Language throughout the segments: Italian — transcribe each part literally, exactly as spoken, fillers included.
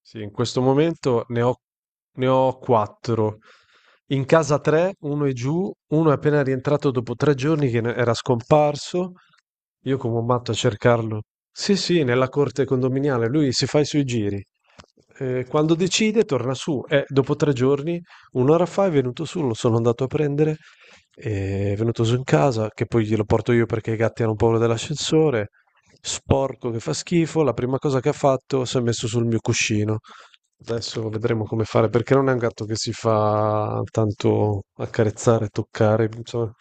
Sì, in questo momento ne ho, ne ho quattro. In casa tre, uno è giù, uno è appena rientrato dopo tre giorni che ne- era scomparso, io come un matto a cercarlo. Sì, sì, nella corte condominiale, lui si fa i suoi giri. Eh, quando decide torna su. Eh, dopo tre giorni, un'ora fa è venuto su, lo sono andato a prendere, eh, è venuto su in casa, che poi glielo porto io perché i gatti hanno paura dell'ascensore. Sporco che fa schifo, la prima cosa che ha fatto si è messo sul mio cuscino. Adesso vedremo come fare, perché non è un gatto che si fa tanto accarezzare, toccare, insomma.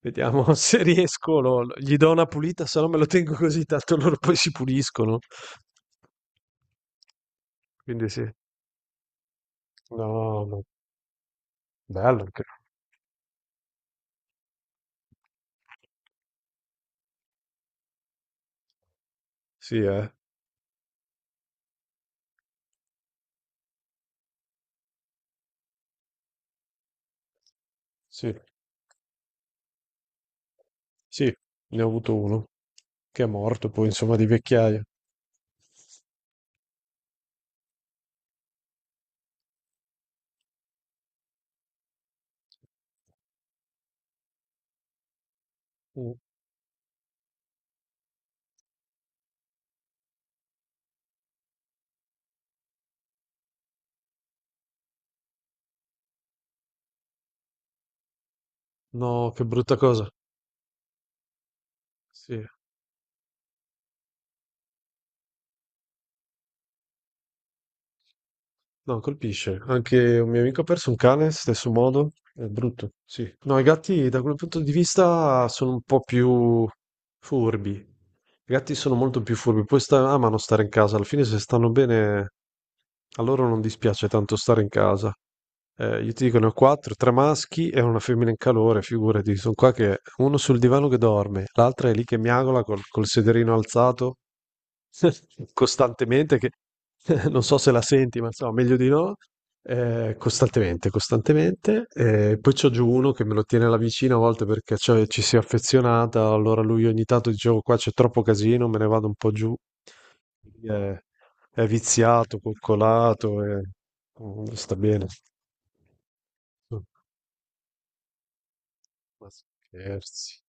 Vediamo se riesco, lo- lo- gli do una pulita, se no me lo tengo così, tanto loro poi si puliscono. Quindi sì. No, no. Bello anche. Sì, eh. Sì. Sì, ne ho avuto uno che è morto poi, insomma, di vecchiaia. Mm. No, che brutta cosa. Sì. No, colpisce. Anche un mio amico ha perso un cane, stesso modo. È brutto, sì. No, i gatti da quel punto di vista sono un po' più furbi. I gatti sono molto più furbi, poi sta- amano stare in casa, alla fine se stanno bene a loro non dispiace tanto stare in casa. Eh, io ti dico, ne ho quattro, tre maschi e una femmina in calore, figurati, sono qua che uno sul divano che dorme, l'altra è lì che miagola col, col sederino alzato, costantemente che non so se la senti, ma insomma, meglio di no. Eh, costantemente, costantemente. Eh, poi c'ho giù uno che me lo tiene alla vicina a volte perché, cioè, ci si è affezionata. Allora lui ogni tanto dicevo qua c'è troppo casino, me ne vado un po' giù. Eh, è viziato, coccolato, e mm, sta bene. Ma scherzi.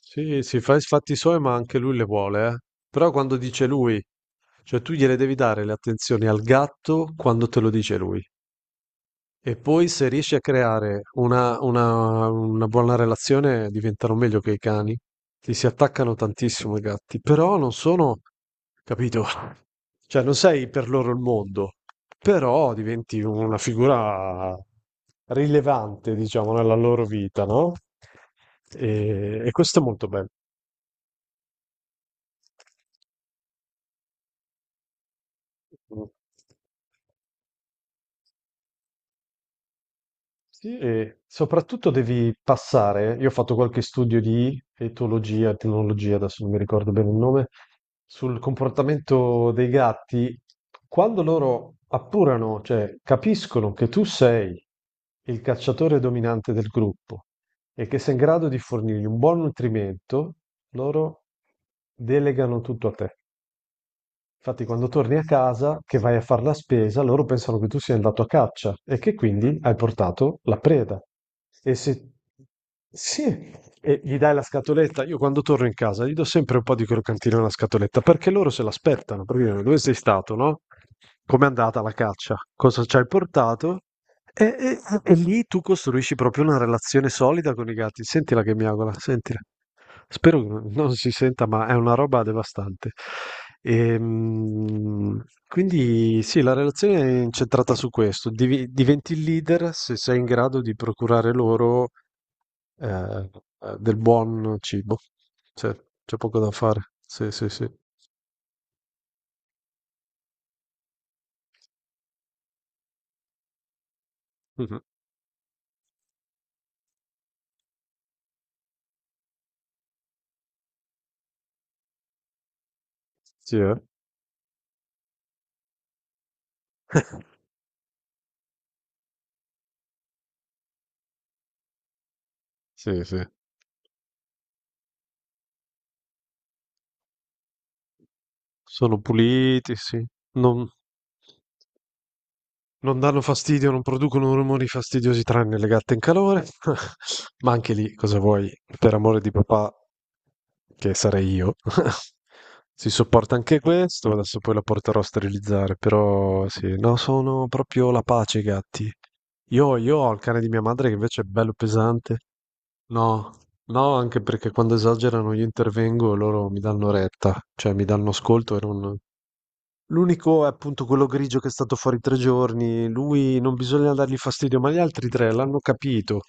Sì, si fa i fatti suoi, ma anche lui le vuole, eh. Però quando dice lui, cioè tu gliele devi dare le attenzioni al gatto quando te lo dice lui. E poi se riesci a creare una, una- una buona relazione, diventano meglio che i cani. Ti si attaccano tantissimo i gatti, però non sono, capito? Cioè non sei per loro il mondo, però diventi una figura rilevante, diciamo, nella loro vita, no? E, e questo è molto bello. Sì, e soprattutto devi passare, io ho fatto qualche studio di etologia, etnologia, adesso non mi ricordo bene il nome, sul comportamento dei gatti, quando loro appurano, cioè capiscono che tu sei il cacciatore dominante del gruppo e che sei in grado di fornirgli un buon nutrimento, loro delegano tutto a te. Infatti, quando torni a casa, che vai a fare la spesa, loro pensano che tu sia andato a caccia e che quindi hai portato la preda. E se sì, e gli dai la scatoletta, io quando torno in casa gli do sempre un po' di croccantino nella scatoletta perché loro se l'aspettano. Perché dicono, dove sei stato, no? Com'è andata la caccia? Cosa ci hai portato? E, e- e lì tu costruisci proprio una relazione solida con i gatti. Sentila che miagola, sentila. Spero che non si senta, ma è una roba devastante. Ehm, quindi sì, la relazione è incentrata su questo. Divi- diventi il leader se sei in grado di procurare loro, eh, eh, del buon cibo. Cioè, c'è poco da fare. Sì, sì, sì. Mhm. Sì, eh? Sì, sì. Sono puliti, sì. Non, non danno fastidio, non producono rumori fastidiosi tranne le gatte in calore. Ma anche lì, cosa vuoi? Per amore di papà, che sarei io. Si sopporta anche questo, adesso poi la porterò a sterilizzare, però sì, no, sono proprio la pace i gatti. Io, io ho il cane di mia madre che invece è bello pesante. No, no, anche perché quando esagerano io intervengo e loro mi danno retta, cioè mi danno ascolto e non, L'unico è appunto quello grigio che è stato fuori tre giorni. Lui non bisogna dargli fastidio, ma gli altri tre l'hanno capito.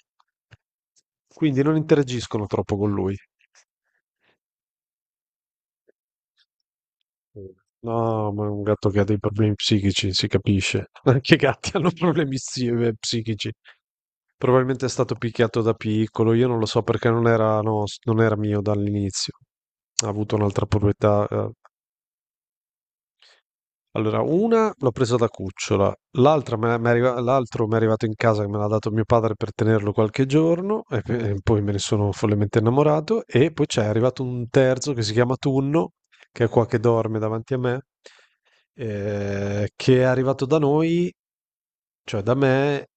Quindi non interagiscono troppo con lui. No, ma è un gatto che ha dei problemi psichici, si capisce. Anche i gatti hanno problemi psi- eh, psichici. Probabilmente è stato picchiato da piccolo, io non lo so perché non era, nos- non era mio dall'inizio. Ha avuto un'altra proprietà, eh, Allora, una l'ho presa da cucciola, l'altra me- mi è arriva- l'altro mi è arrivato in casa che me l'ha dato mio padre per tenerlo qualche giorno e, pe- e poi me ne sono follemente innamorato e poi c'è arrivato un terzo che si chiama Tunno, che è qua che dorme davanti a me, eh, che è arrivato da noi, cioè da me,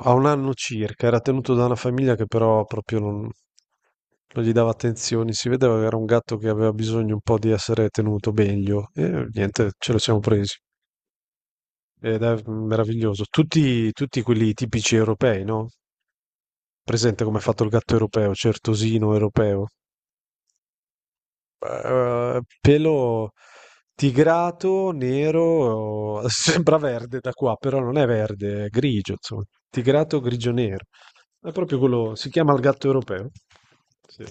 a un anno circa, era tenuto da una famiglia che però proprio non, non gli dava attenzioni, si vedeva che era un gatto che aveva bisogno un po' di essere tenuto meglio e niente, ce lo siamo presi. Ed è meraviglioso. Tutti, tutti quelli tipici europei, no? Presente come è fatto il gatto europeo, certosino europeo. Eh, pelo tigrato, nero, sembra verde da qua, però non è verde, è grigio, insomma. Tigrato, grigio-nero. È proprio quello, si chiama il gatto europeo. Sì.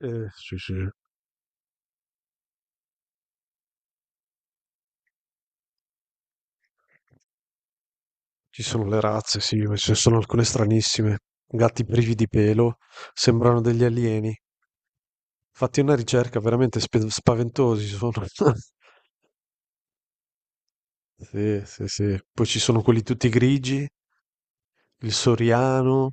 Eh, sì, sì. Ci sono le razze, sì, ma ci sono alcune stranissime. Gatti privi di pelo, sembrano degli alieni. Fatti una ricerca veramente spe spaventosi sono. Sì, sì, sì. Poi ci sono quelli tutti grigi, il soriano.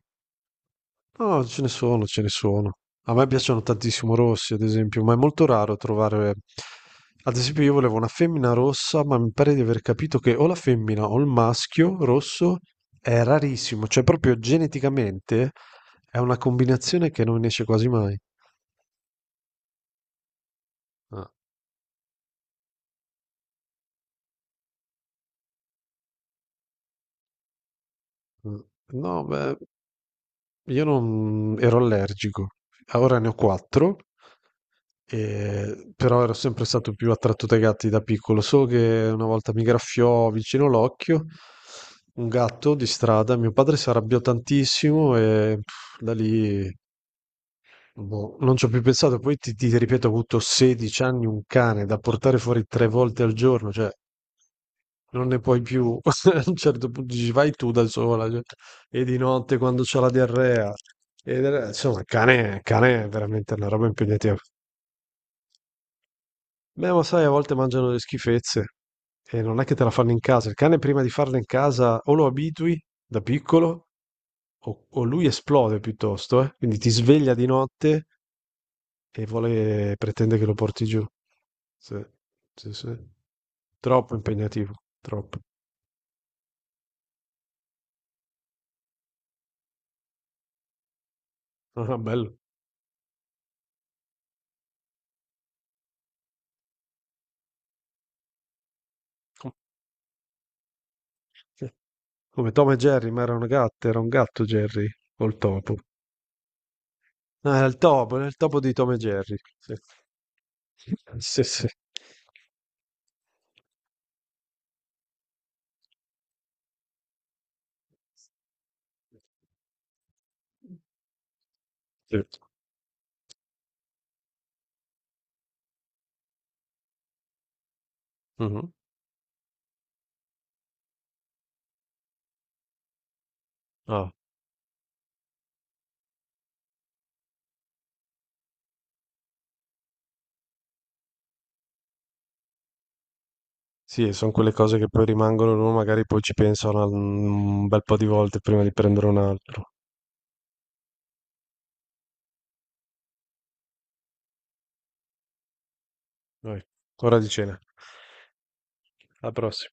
No, ce ne sono, ce ne sono. A me piacciono tantissimo rossi, ad esempio, ma è molto raro trovare. Ad esempio, io volevo una femmina rossa, ma mi pare di aver capito che o la femmina o il maschio rosso è rarissimo, cioè proprio geneticamente è una combinazione che non esce quasi mai. Ah, mm. No, beh, io non ero allergico, ora ne ho quattro, e- però ero sempre stato più attratto dai gatti da piccolo. So che una volta mi graffiò vicino l'occhio un gatto di strada, mio padre si arrabbiò tantissimo e pff, da lì boh, non ci ho più pensato. Poi ti, ti ripeto, ho avuto sedici anni un cane da portare fuori tre volte al giorno, cioè non ne puoi più. A un certo punto dici, vai tu da sola, cioè, e di notte quando c'ho la diarrea. E, del- insomma, il cane, il cane è veramente una roba impegnativa. Beh, ma sai, a volte mangiano le schifezze. E non è che te la fanno in casa. Il cane prima di farla in casa o lo abitui da piccolo o, o lui esplode piuttosto, eh. Quindi ti sveglia di notte e vuole, pretende che lo porti giù. Sì, sì, sì. Troppo impegnativo, troppo. Ah, bello. Come Tom e Jerry, ma era una gatta, era un gatto Jerry, o il topo. No, era il topo, era il topo di Tom e Jerry. Sì, sì, sì. Sì. Mhm. Ah, sì, sono quelle cose che poi rimangono, uno magari poi ci pensano al- mm, un bel po' di volte prima di prendere un altro. Vai. Ora di cena. Alla prossima.